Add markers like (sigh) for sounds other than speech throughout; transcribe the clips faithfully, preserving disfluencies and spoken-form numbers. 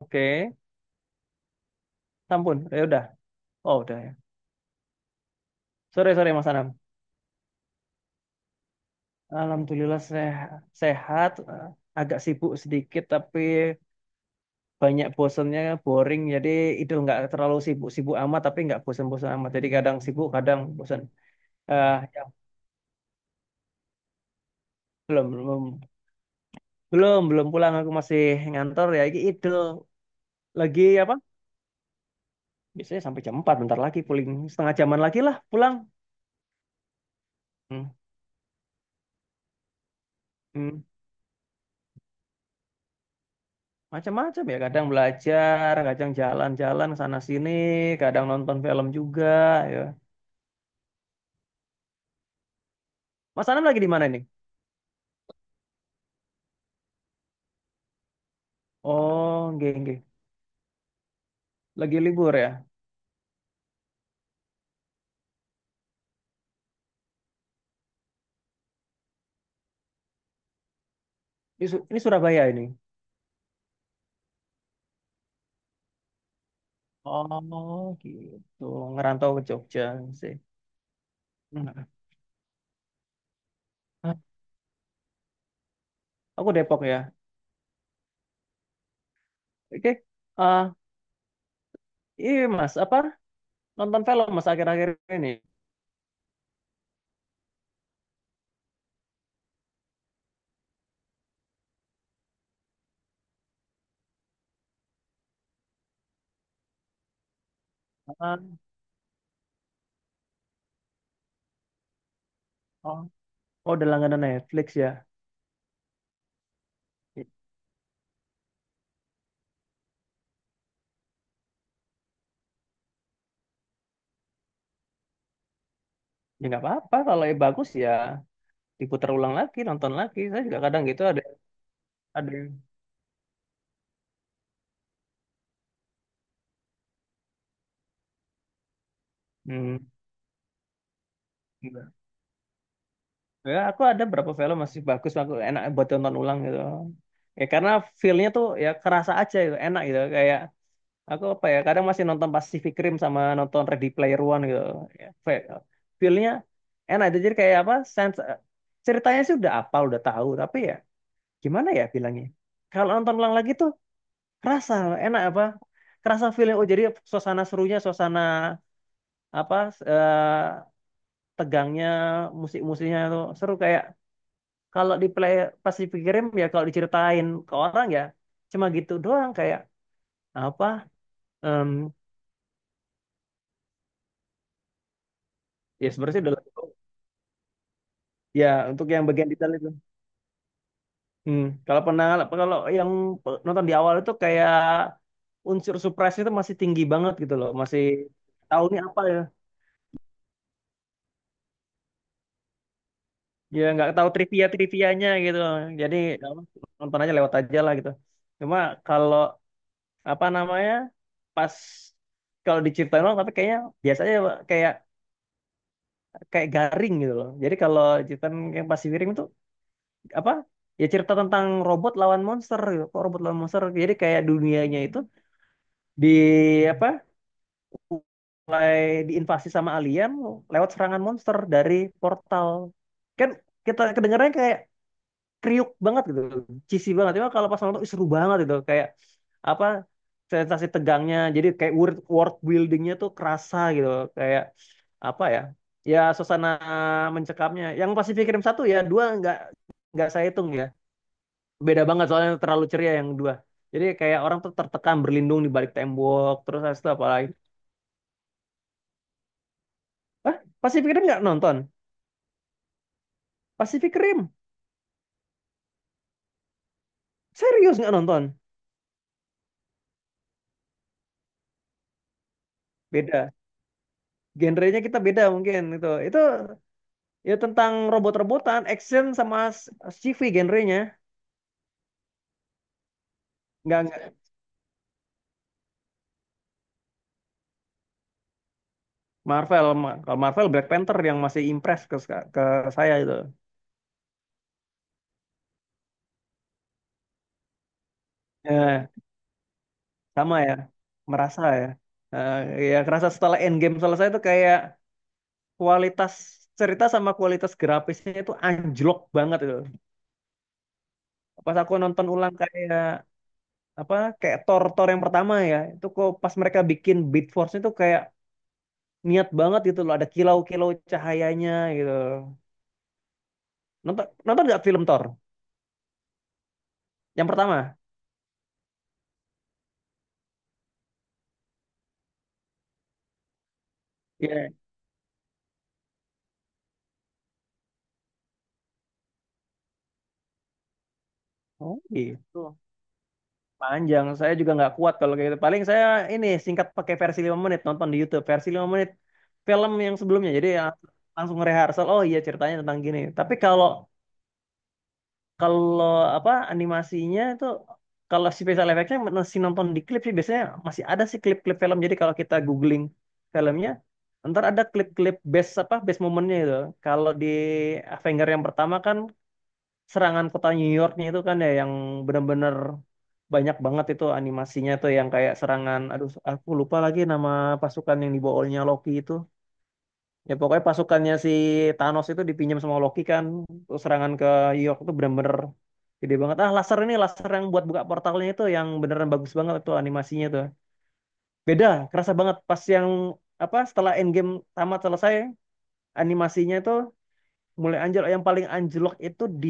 Oke, sampun. Ya udah. Oh, udah ya. Sore, sore Mas Anam. Alhamdulillah seh- sehat, eh, agak sibuk sedikit tapi banyak bosennya, boring. Jadi itu nggak terlalu sibuk-sibuk amat tapi nggak bosen-bosen amat. Jadi kadang sibuk, kadang bosen. Eh, ya, belum, belum, belum, belum pulang. Aku masih ngantor ya. Ini itu lagi apa? Biasanya sampai jam empat, bentar lagi pulang. Setengah jaman lagi lah pulang. Hmm. Hmm. Macam-macam ya, kadang belajar, kadang jalan-jalan sana sini, kadang nonton film juga ya. Mas Anam lagi di mana ini? Oh, nggih nggih. Lagi libur ya. Ini, Su- ini Surabaya ini. Oh, gitu. Ngerantau ke Jogja sih. Hmm. Hah, aku Depok ya. Oke. Ah, iya Mas, apa? Nonton film Mas akhir-akhir ini. Ah, oh, oh, udah langganan Netflix ya. Ya nggak apa-apa kalau yang bagus ya diputar ulang lagi, nonton lagi. Saya juga kadang gitu ada ada yang- hmm. Enggak. Ya, aku ada berapa film masih bagus, aku enak buat tonton ulang gitu. Ya karena feel-nya tuh ya kerasa aja gitu, enak gitu. Kayak aku apa ya, kadang masih nonton Pacific Rim sama nonton Ready Player One gitu. Ya, fe- feel-nya enak itu jadi kayak apa? Sense, ceritanya sih udah apa, udah tahu, tapi ya gimana ya bilangnya? Kalau nonton ulang lagi tuh kerasa enak apa? Kerasa feel oh jadi suasana serunya, suasana apa eh, tegangnya, musik-musiknya tuh seru kayak kalau di play pas dipikirin ya kalau diceritain ke orang ya cuma gitu doang kayak apa em, ya sebenarnya udah laku. Ya untuk yang bagian detail itu hmm. Kalau pernah kalau yang pe- nonton di awal itu kayak unsur surprise itu masih tinggi banget gitu loh masih tahu nih apa ya ya nggak tahu trivia trivianya gitu jadi ya apa, nonton aja lewat aja lah gitu cuma kalau apa namanya pas kalau diceritain orang tapi kayaknya biasanya kayak kayak garing gitu loh. Jadi kalau Jepang yang pasti Wiring itu apa? Ya cerita tentang robot lawan monster gitu. Kok robot lawan monster. Jadi kayak dunianya itu di apa? Mulai diinvasi sama alien lewat serangan monster dari portal. Kan kita kedengarannya kayak kriuk banget gitu. Cheesy banget. Cuma kalau pas nonton ih, seru banget gitu. Kayak apa? Sensasi tegangnya jadi kayak world, world buildingnya tuh kerasa gitu kayak apa ya ya suasana mencekamnya yang Pacific Rim satu ya dua nggak nggak saya hitung ya beda banget soalnya terlalu ceria yang dua jadi kayak orang tuh tertekan berlindung di balik tembok terus habis itu apa lagi ah Pacific Rim nggak nonton Pacific Rim serius nggak nonton beda genrenya kita beda mungkin itu itu ya tentang robot-robotan action sama s- sci-fi genrenya nggak nggak Marvel kalau Marvel Black Panther yang masih impress ke ke saya itu ya sama ya, merasa ya. Eh, Ya kerasa setelah endgame selesai itu kayak kualitas cerita sama kualitas grafisnya itu anjlok banget itu. Pas aku nonton ulang kayak apa kayak Thor Thor yang pertama ya, itu kok pas mereka bikin Beat Force itu kayak niat banget gitu loh, ada kilau-kilau cahayanya gitu. Nonton nonton nggak film Thor yang pertama? Iya. Oh, gitu. Panjang, saya juga nggak kuat kalau kayak gitu. Paling saya ini singkat pakai versi lima menit, nonton di YouTube. Versi lima menit film yang sebelumnya. Jadi ya, langsung rehearsal, oh iya ceritanya tentang gini. Tapi kalau kalau apa animasinya itu kalau si special effectnya masih nonton di klip sih biasanya masih ada sih klip-klip film. Jadi kalau kita googling filmnya, ntar ada klip-klip best apa best momennya itu. Kalau di Avenger yang pertama kan serangan kota New Yorknya itu kan ya yang benar-benar banyak banget itu animasinya tuh yang kayak serangan aduh aku lupa lagi nama pasukan yang dibawaannya Loki itu ya pokoknya pasukannya si Thanos itu dipinjam sama Loki kan. Terus serangan ke New York itu benar-benar gede banget ah laser ini laser yang buat buka portalnya itu yang beneran bagus banget tuh animasinya tuh beda kerasa banget pas yang apa setelah Endgame tamat selesai animasinya itu mulai anjlok yang paling anjlok itu di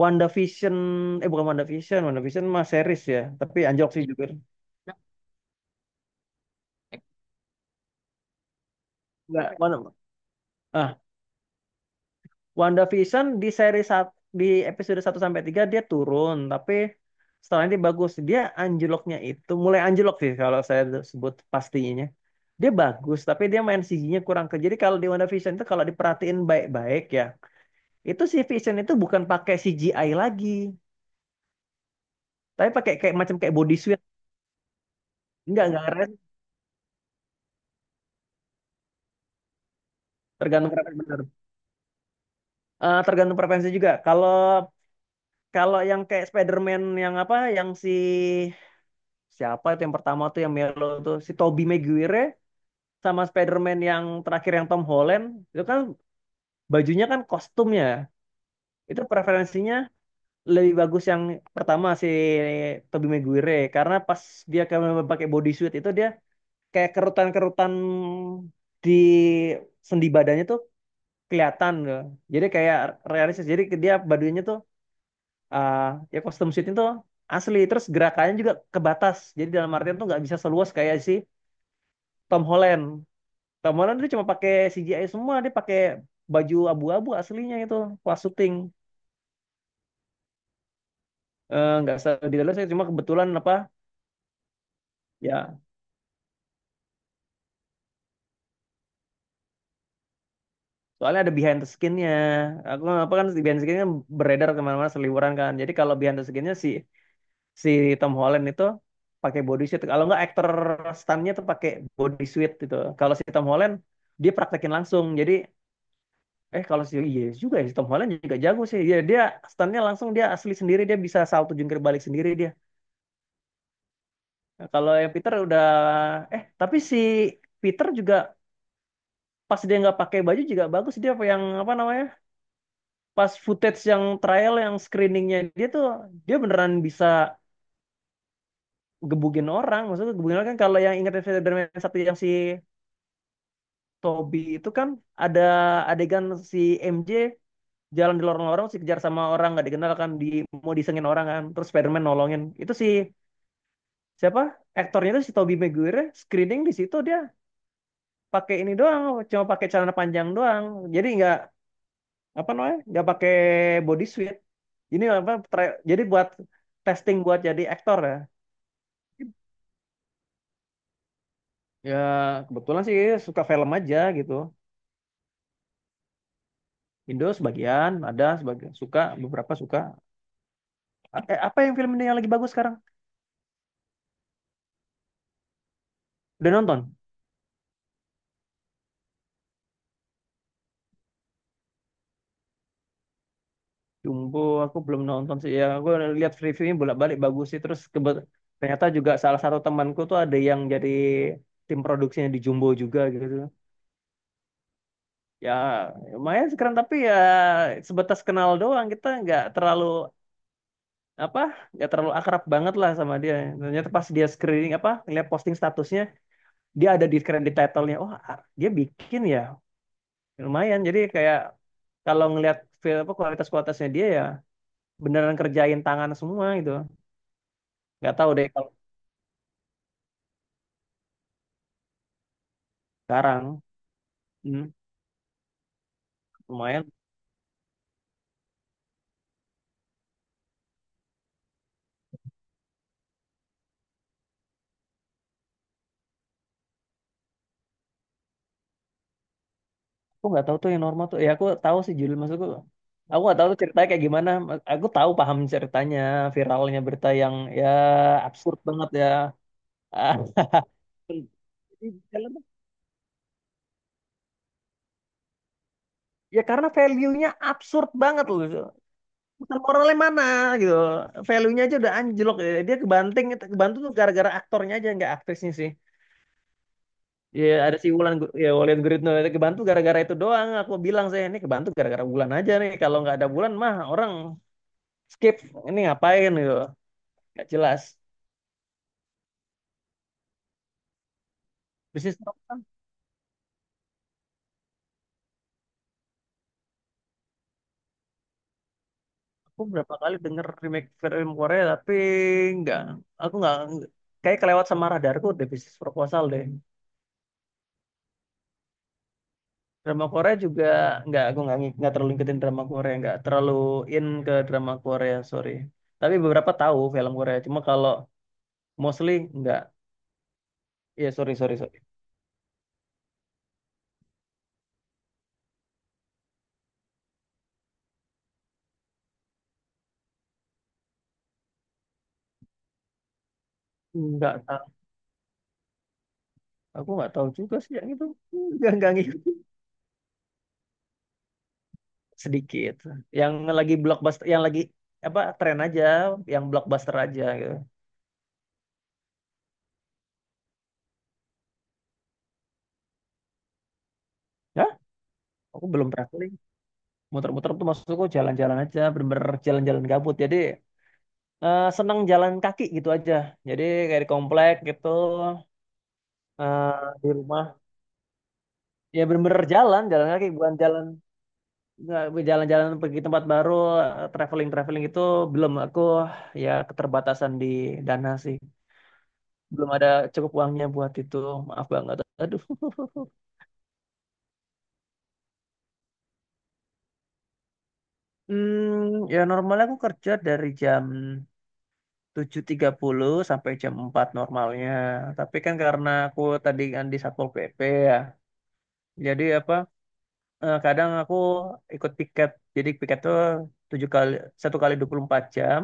WandaVision eh bukan WandaVision WandaVision mah series ya tapi anjlok sih juga enggak Wanda, ah WandaVision di seri satu, di episode satu sampai tiga dia turun tapi setelah ini bagus dia anjloknya itu mulai anjlok sih kalau saya sebut pastinya dia bagus tapi dia main C G-nya kurang ke jadi kalau di WandaVision itu kalau diperhatiin baik-baik ya itu si Vision itu bukan pakai C G I lagi tapi pakai kayak macam kayak body suit enggak enggak keren tergantung preferensi bener. Eh, tergantung preferensi juga kalau kalau yang kayak Spider-Man yang apa yang si siapa itu yang pertama tuh yang Melo tuh si Tobey Maguire sama Spider-Man yang terakhir yang Tom Holland itu kan bajunya kan kostumnya itu preferensinya lebih bagus yang pertama si Tobey Maguire karena pas dia kayak pakai bodysuit itu dia kayak kerutan-kerutan di sendi badannya tuh kelihatan loh. Jadi kayak realistis. Jadi dia badannya tuh eh, ya custom suit itu asli terus gerakannya juga kebatas jadi dalam artian tuh nggak bisa seluas kayak si Tom Holland Tom Holland tuh cuma pakai C G I semua dia pakai baju abu-abu aslinya itu pas syuting. Eh, nggak uh, di dalam saya cuma kebetulan apa ya soalnya ada behind the skinnya aku apa kan si behind the skinnya beredar kemana-mana seliweran kan jadi kalau behind the skinnya si si Tom Holland itu pakai body suit kalau nggak aktor stuntnya tuh pakai body suit gitu kalau si Tom Holland dia praktekin langsung jadi. Eh kalau si Yes juga ya, si Tom Holland juga jago sih. Ya, dia stunnya langsung dia asli sendiri dia bisa salto jungkir balik sendiri dia. Nah, kalau yang Peter udah eh tapi si Peter juga pas dia nggak pakai baju juga bagus dia apa yang apa namanya pas footage yang trial yang screeningnya dia tuh dia beneran bisa gebugin orang maksudnya gebugin orang kan kalau yang ingat Spider-Man satu yang si Toby itu kan ada adegan si M J jalan di lorong-lorong sih kejar sama orang nggak dikenal kan di mau disengin orang kan terus Spiderman nolongin itu si siapa aktornya itu si Tobey Maguire screening di situ dia pakai ini doang cuma pakai celana panjang doang jadi nggak apa namanya nggak pakai body suit ini apa tra- jadi buat testing buat jadi aktor ya ya kebetulan sih suka film aja gitu. Indo sebagian ada sebagian suka beberapa suka eh, apa yang film Indo yang lagi bagus sekarang udah nonton Jumbo aku belum nonton sih ya aku lihat reviewnya bolak-balik bagus sih terus kebe- ternyata juga salah satu temanku tuh ada yang jadi tim produksinya di Jumbo juga gitu ya lumayan sekarang, tapi ya sebatas kenal doang kita nggak terlalu apa nggak terlalu akrab banget lah sama dia ternyata pas dia screening apa lihat posting statusnya dia ada di credit title-nya oh a- dia bikin ya lumayan jadi kayak kalau ngelihat feel- apa kualitas-kualitasnya dia ya beneran kerjain tangan semua gitu nggak tahu deh. Sekarang, hmm, lumayan. Aku nggak tahu tuh yang normal tuh. Ya aku tahu sih judul maksudku. Aku nggak tahu tuh ceritanya kayak gimana. Aku tahu paham ceritanya, viralnya berita yang ya absurd banget ya. Ah, (laughs) ya karena value-nya absurd banget loh. Bukan moralnya mana gitu. Value-nya aja udah anjlok. Ya, dia kebanting, kebantu tuh gara-gara aktornya aja nggak aktrisnya sih. Ya ada si Wulan, Gu- ya Wulan Guritno itu kebantu gara-gara itu doang. Aku bilang saya ini kebantu gara-gara Wulan aja nih. Kalau nggak ada Wulan mah orang skip ini ngapain gitu nggak jelas bisnis Stop kan aku berapa kali denger remake film Korea tapi nggak aku nggak kayak kelewat sama radarku deh bisnis proposal deh drama Korea juga nggak aku nggak ngik- nggak terlalu ngikutin drama Korea nggak terlalu in ke drama Korea sorry tapi beberapa tahu film Korea cuma kalau mostly nggak ya sorry sorry sorry nggak tahu aku nggak tahu juga sih yang itu (laughs) nggak nggak ngikutin sedikit. Yang lagi blockbuster, yang lagi apa tren aja, yang blockbuster aja gitu. Ya, aku belum traveling. Muter-muter tuh maksudku jalan-jalan aja, bener-bener jalan-jalan gabut. Jadi eh, seneng jalan kaki gitu aja. Jadi kayak di komplek gitu, eh, di rumah. Ya bener-bener jalan, jalan kaki bukan jalan nggak jalan-jalan pergi tempat baru, eh, traveling-traveling itu belum aku ya keterbatasan di dana sih. Belum ada cukup uangnya buat itu. Maaf banget. Aduh. (laughs) Hmm, ya normalnya aku kerja dari jam tujuh tiga puluh sampai jam empat normalnya. Tapi kan karena aku tadi kan di Satpol P P ya. Jadi apa eh, kadang aku ikut piket. Jadi piket tuh tujuh kali satu kali dua puluh empat jam.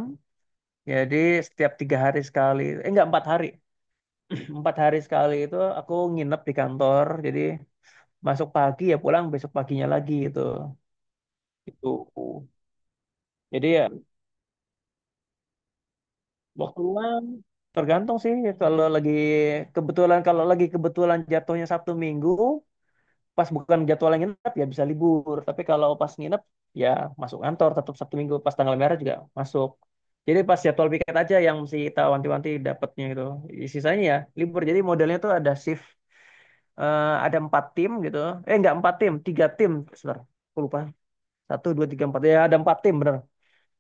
Jadi setiap tiga hari sekali. Eh enggak empat hari. (clears throat) Empat hari sekali itu aku nginep di kantor. Jadi masuk pagi ya pulang besok paginya lagi gitu. Itu. Jadi ya mau keluar tergantung sih kalau lagi kebetulan kalau lagi kebetulan jatuhnya Sabtu Minggu pas bukan jadwal yang nginep ya bisa libur tapi kalau pas nginep ya masuk kantor tetap Sabtu Minggu pas tanggal merah juga masuk jadi pas jadwal piket aja yang mesti kita wanti-wanti dapatnya gitu sisanya ya libur jadi modelnya tuh ada shift eh, ada empat tim gitu eh nggak empat tim tiga tim sebentar aku lupa satu dua tiga empat ya ada empat tim bener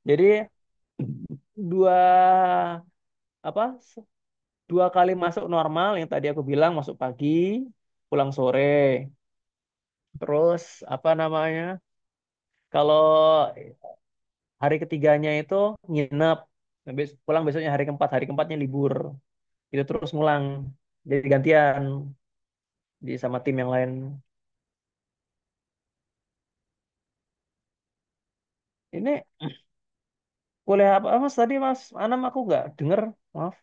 jadi dua apa dua kali masuk normal yang tadi aku bilang masuk pagi pulang sore terus apa namanya kalau hari ketiganya itu nginep. Nah, bes- pulang besoknya hari keempat hari keempatnya libur itu terus ngulang jadi gantian di sama tim yang lain. Ini kuliah apa mas tadi mas Anam aku nggak denger maaf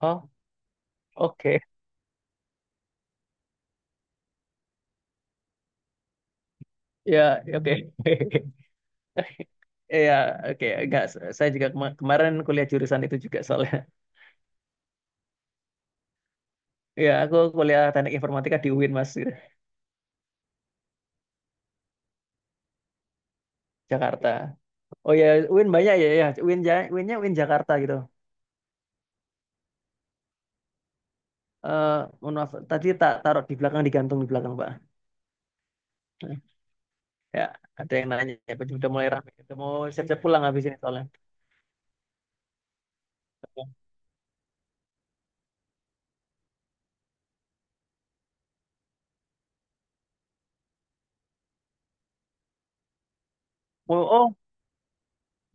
oh oke ya ya, oke (laughs) Iya, oke. Enggak, saya juga kema- kemarin kuliah jurusan itu juga soalnya. Ya, aku kuliah teknik informatika di UIN Mas, gitu, Jakarta. Oh ya, UIN banyak ya, ya. UIN ja, UINnya UIN Jakarta gitu. Eh, Mohon maaf, tadi tak taruh di belakang, digantung di belakang, Pak. Ya, ada yang nanya, ya, udah mulai ramai. Udah mau siap-siap pulang habis ini soalnya. Mau, oh,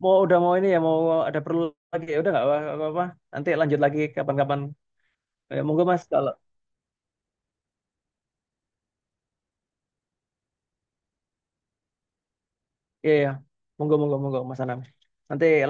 mau udah mau ini ya, mau ada perlu lagi ya, udah nggak apa-apa. Nanti lanjut lagi kapan-kapan. Ya, monggo Mas, kalau, iya, ya monggo, monggo, monggo, Mas Anam. Nanti